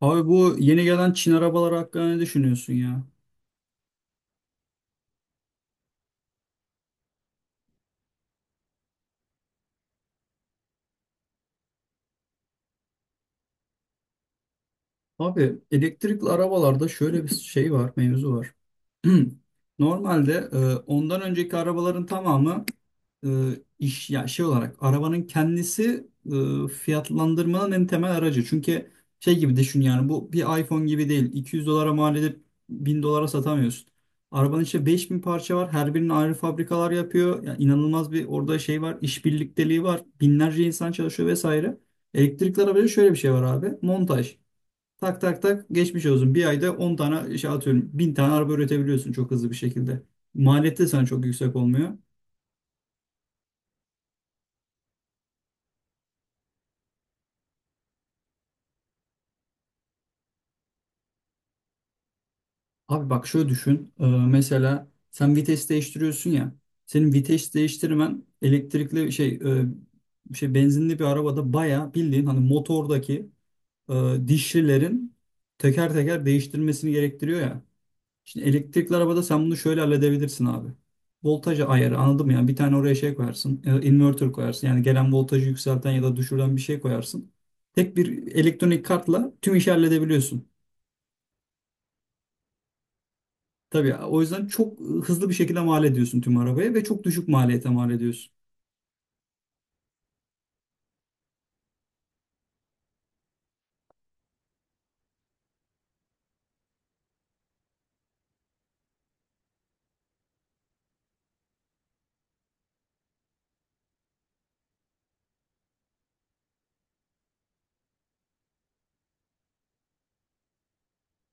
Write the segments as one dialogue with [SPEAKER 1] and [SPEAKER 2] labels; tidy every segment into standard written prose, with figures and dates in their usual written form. [SPEAKER 1] Abi bu yeni gelen Çin arabaları hakkında ne düşünüyorsun ya? Abi elektrikli arabalarda şöyle bir şey var, mevzu var. Normalde ondan önceki arabaların tamamı e, iş ya şey olarak arabanın kendisi fiyatlandırmanın en temel aracı. Çünkü şey gibi düşün yani bu bir iPhone gibi değil. 200 dolara mal edip 1000 dolara satamıyorsun. Arabanın içinde 5000 parça var. Her birinin ayrı fabrikalar yapıyor. Yani inanılmaz bir orada şey var. İş birlikteliği var. Binlerce insan çalışıyor vesaire. Elektrikli arabada şöyle bir şey var abi. Montaj. Tak tak tak geçmiş olsun. Bir ayda 10 tane şey atıyorum. Bin tane araba üretebiliyorsun çok hızlı bir şekilde. Maliyeti de sana çok yüksek olmuyor. Abi bak şöyle düşün. Mesela sen vites değiştiriyorsun ya. Senin vites değiştirmen elektrikli şey şey benzinli bir arabada bayağı bildiğin hani motordaki dişlilerin teker teker değiştirmesini gerektiriyor ya. Şimdi elektrikli arabada sen bunu şöyle halledebilirsin abi. Voltaj ayarı anladın mı? Yani bir tane oraya şey koyarsın. Inverter koyarsın. Yani gelen voltajı yükselten ya da düşüren bir şey koyarsın. Tek bir elektronik kartla tüm işi halledebiliyorsun. Tabii o yüzden çok hızlı bir şekilde mal ediyorsun tüm arabaya ve çok düşük maliyete mal ediyorsun.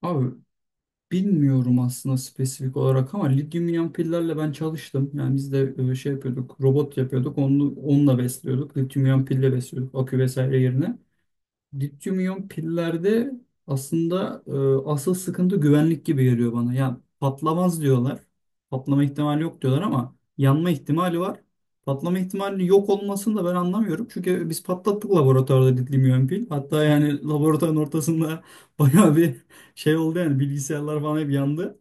[SPEAKER 1] Abi bilmiyorum aslında spesifik olarak ama lityum iyon pillerle ben çalıştım. Yani biz de şey yapıyorduk, robot yapıyorduk. Onu, onunla besliyorduk. Lityum iyon pille besliyorduk akü vesaire yerine. Lityum iyon pillerde aslında asıl sıkıntı güvenlik gibi geliyor bana. Yani patlamaz diyorlar. Patlama ihtimali yok diyorlar ama yanma ihtimali var. Patlama ihtimali yok olmasını da ben anlamıyorum. Çünkü biz patlattık laboratuvarda lityum iyon pil. Hatta yani laboratuvarın ortasında bayağı bir şey oldu yani bilgisayarlar falan hep yandı.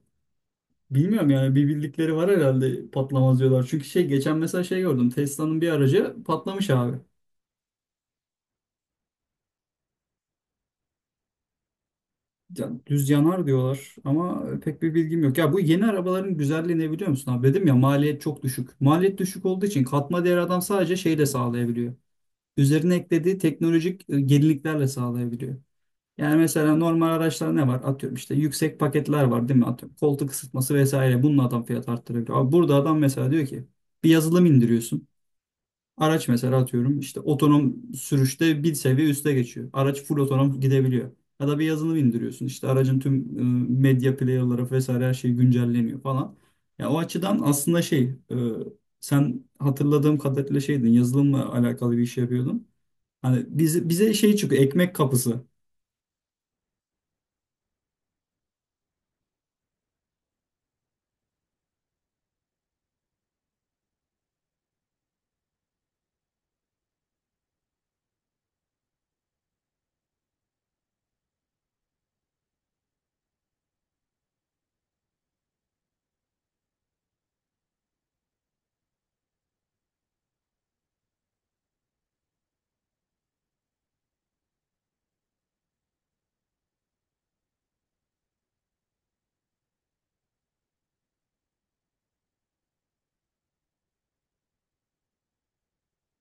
[SPEAKER 1] Bilmiyorum yani bir bildikleri var herhalde patlamaz diyorlar. Çünkü şey geçen mesela şey gördüm. Tesla'nın bir aracı patlamış abi. Ya, düz yanar diyorlar ama pek bir bilgim yok. Ya bu yeni arabaların güzelliği ne biliyor musun abi? Dedim ya maliyet çok düşük. Maliyet düşük olduğu için katma değer adam sadece şeyle sağlayabiliyor. Üzerine eklediği teknolojik yeniliklerle sağlayabiliyor. Yani mesela normal araçlar ne var? Atıyorum işte yüksek paketler var değil mi? Atıyorum koltuk ısıtması vesaire. Bununla adam fiyat arttırabiliyor. Abi burada adam mesela diyor ki bir yazılım indiriyorsun. Araç mesela atıyorum işte otonom sürüşte bir seviye üste geçiyor. Araç full otonom gidebiliyor. Ya da bir yazılım indiriyorsun işte aracın tüm medya player'ları vesaire her şey güncelleniyor falan. Ya o açıdan aslında şey e, sen hatırladığım kadarıyla şeydin yazılımla alakalı bir iş yapıyordun. Hani bize şey çıkıyor ekmek kapısı.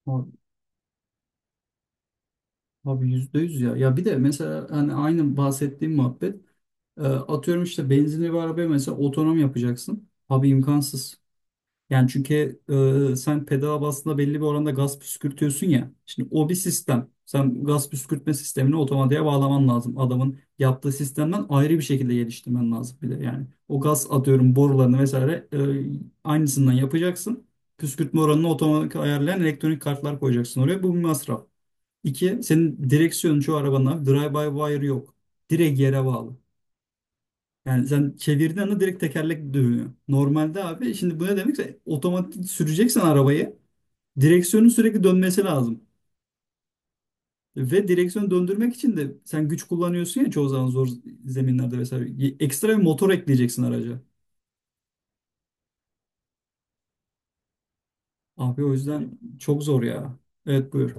[SPEAKER 1] Abi abi yüzde yüz ya. Ya bir de mesela hani aynı bahsettiğim muhabbet atıyorum işte benzinli bir arabaya mesela otonom yapacaksın. Abi imkansız. Yani çünkü sen pedala bastığında belli bir oranda gaz püskürtüyorsun ya. Şimdi o bir sistem. Sen gaz püskürtme sistemini otomatiğe bağlaman lazım. Adamın yaptığı sistemden ayrı bir şekilde geliştirmen lazım bir de yani. O gaz atıyorum borularını vesaire aynısından yapacaksın. Püskürtme oranını otomatik ayarlayan elektronik kartlar koyacaksın oraya. Bu bir masraf. İki, senin direksiyonun çoğu arabanın abi drive-by-wire yok. Direkt yere bağlı. Yani sen çevirdiğin anda direkt tekerlek dönüyor. Normalde abi şimdi bu ne demekse otomatik süreceksen arabayı direksiyonun sürekli dönmesi lazım. Ve direksiyonu döndürmek için de sen güç kullanıyorsun ya çoğu zaman zor zeminlerde vesaire. Ekstra bir motor ekleyeceksin araca. Abi o yüzden çok zor ya. Evet buyur.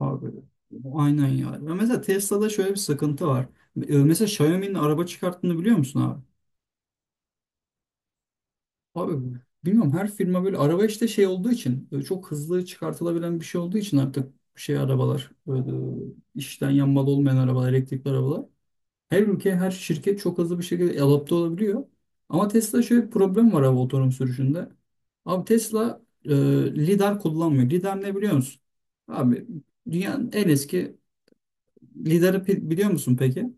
[SPEAKER 1] Abi aynen ya. Ve mesela Tesla'da şöyle bir sıkıntı var. Mesela Xiaomi'nin araba çıkarttığını biliyor musun abi? Abi bilmiyorum her firma böyle araba işte şey olduğu için çok hızlı çıkartılabilen bir şey olduğu için artık şey arabalar böyle işten yanmalı olmayan arabalar elektrikli arabalar. Her ülke her şirket çok hızlı bir şekilde adapte olabiliyor. Ama Tesla şöyle bir problem var abi otonom sürüşünde. Abi Tesla lidar kullanmıyor. Lidar ne biliyor musun? Abi dünyanın en eski lidarı biliyor musun peki?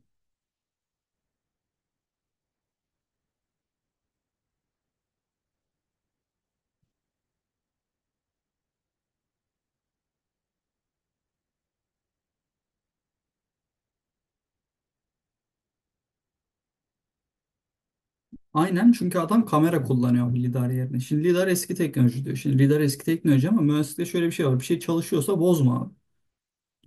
[SPEAKER 1] Aynen çünkü adam kamera kullanıyor lidar yerine. Şimdi lidar eski teknoloji diyor. Şimdi lidar eski teknoloji ama mühendislikte şöyle bir şey var. Bir şey çalışıyorsa bozma abi.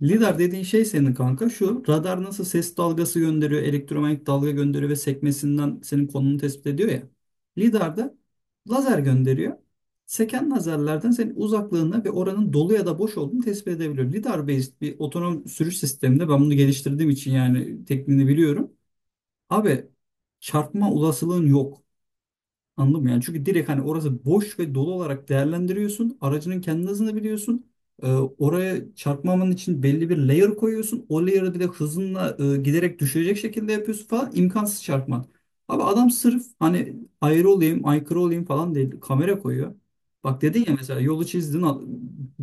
[SPEAKER 1] Lidar dediğin şey senin kanka şu radar nasıl ses dalgası gönderiyor, elektromanyetik dalga gönderiyor ve sekmesinden senin konunu tespit ediyor ya. Lidar da lazer gönderiyor. Seken lazerlerden senin uzaklığını ve oranın dolu ya da boş olduğunu tespit edebiliyor. Lidar based bir otonom sürüş sisteminde ben bunu geliştirdiğim için yani tekniğini biliyorum. Abi çarpma olasılığın yok. Anladın mı? Yani çünkü direkt hani orası boş ve dolu olarak değerlendiriyorsun. Aracının kendi hızını biliyorsun. Oraya çarpmaman için belli bir layer koyuyorsun. O layer'ı direkt hızınla giderek düşürecek şekilde yapıyorsun falan. İmkansız çarpman. Abi adam sırf hani ayrı olayım, aykırı olayım falan değil. Kamera koyuyor. Bak dedin ya mesela yolu çizdin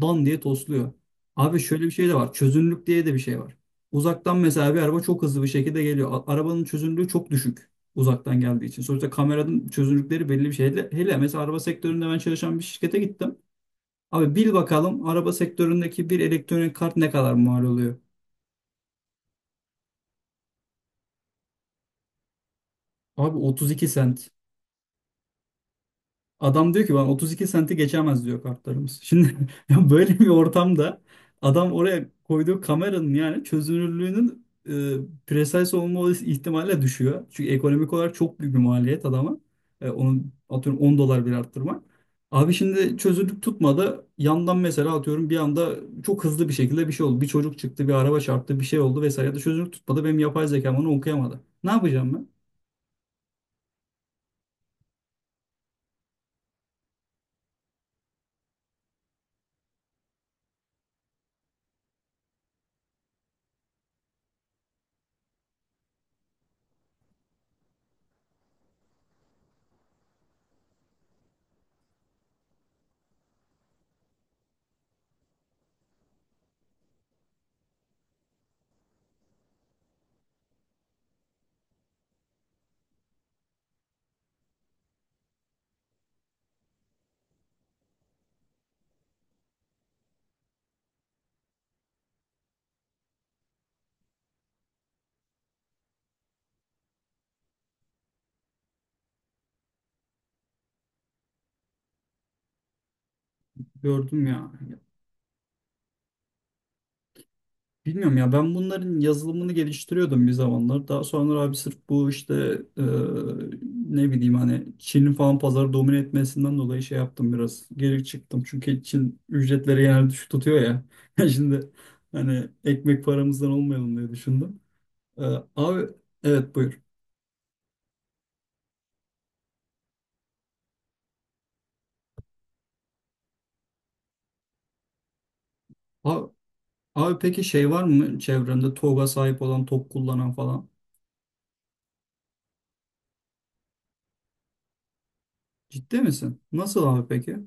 [SPEAKER 1] dan diye tosluyor. Abi şöyle bir şey de var. Çözünürlük diye de bir şey var. Uzaktan mesela bir araba çok hızlı bir şekilde geliyor. Arabanın çözünürlüğü çok düşük uzaktan geldiği için. Sonuçta kameranın çözünürlükleri belli bir şey. Hele mesela araba sektöründe ben çalışan bir şirkete gittim. Abi bil bakalım araba sektöründeki bir elektronik kart ne kadar mal oluyor? Abi 32 sent. Adam diyor ki bana 32 senti geçemez diyor kartlarımız. Şimdi ya böyle bir ortamda adam oraya koyduğu kameranın yani çözünürlüğünün precise olma olasılığı ihtimalle düşüyor. Çünkü ekonomik olarak çok büyük bir maliyet adama. E, onun atıyorum 10 dolar bile arttırmak. Abi şimdi çözünürlük tutmadı. Yandan mesela atıyorum bir anda çok hızlı bir şekilde bir şey oldu. Bir çocuk çıktı, bir araba çarptı, bir şey oldu vesaire ya da çözünürlük tutmadı. Benim yapay zekam onu okuyamadı. Ne yapacağım ben? Gördüm ya. Bilmiyorum ya ben bunların yazılımını geliştiriyordum bir zamanlar. Daha sonra abi sırf bu işte e, ne bileyim hani Çin'in falan pazarı domine etmesinden dolayı şey yaptım biraz. Geri çıktım. Çünkü Çin ücretleri genelde düşük tutuyor ya. Şimdi hani ekmek paramızdan olmayalım diye düşündüm. E, Abi evet buyur. Abi, abi peki şey var mı çevrende TOG'a sahip olan, top kullanan falan? Ciddi misin? Nasıl abi peki?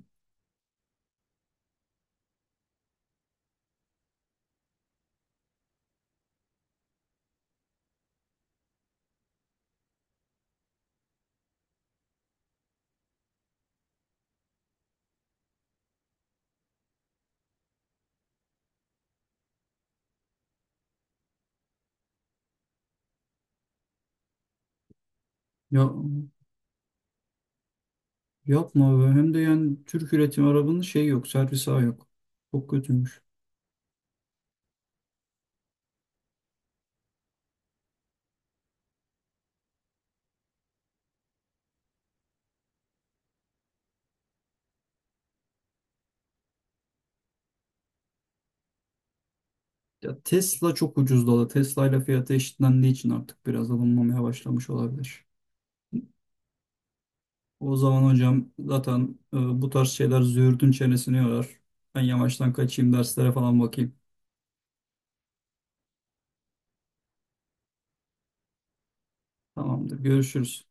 [SPEAKER 1] Ya yapma be. Hem de yani Türk üretim arabanın şey yok, servis ağı yok. Çok kötüymüş. Ya Tesla çok ucuzladı. Tesla ile fiyatı eşitlendiği için artık biraz alınmamaya başlamış olabilir. O zaman hocam zaten bu tarz şeyler züğürdün çenesini yorar. Ben yavaştan kaçayım derslere falan bakayım. Tamamdır. Görüşürüz.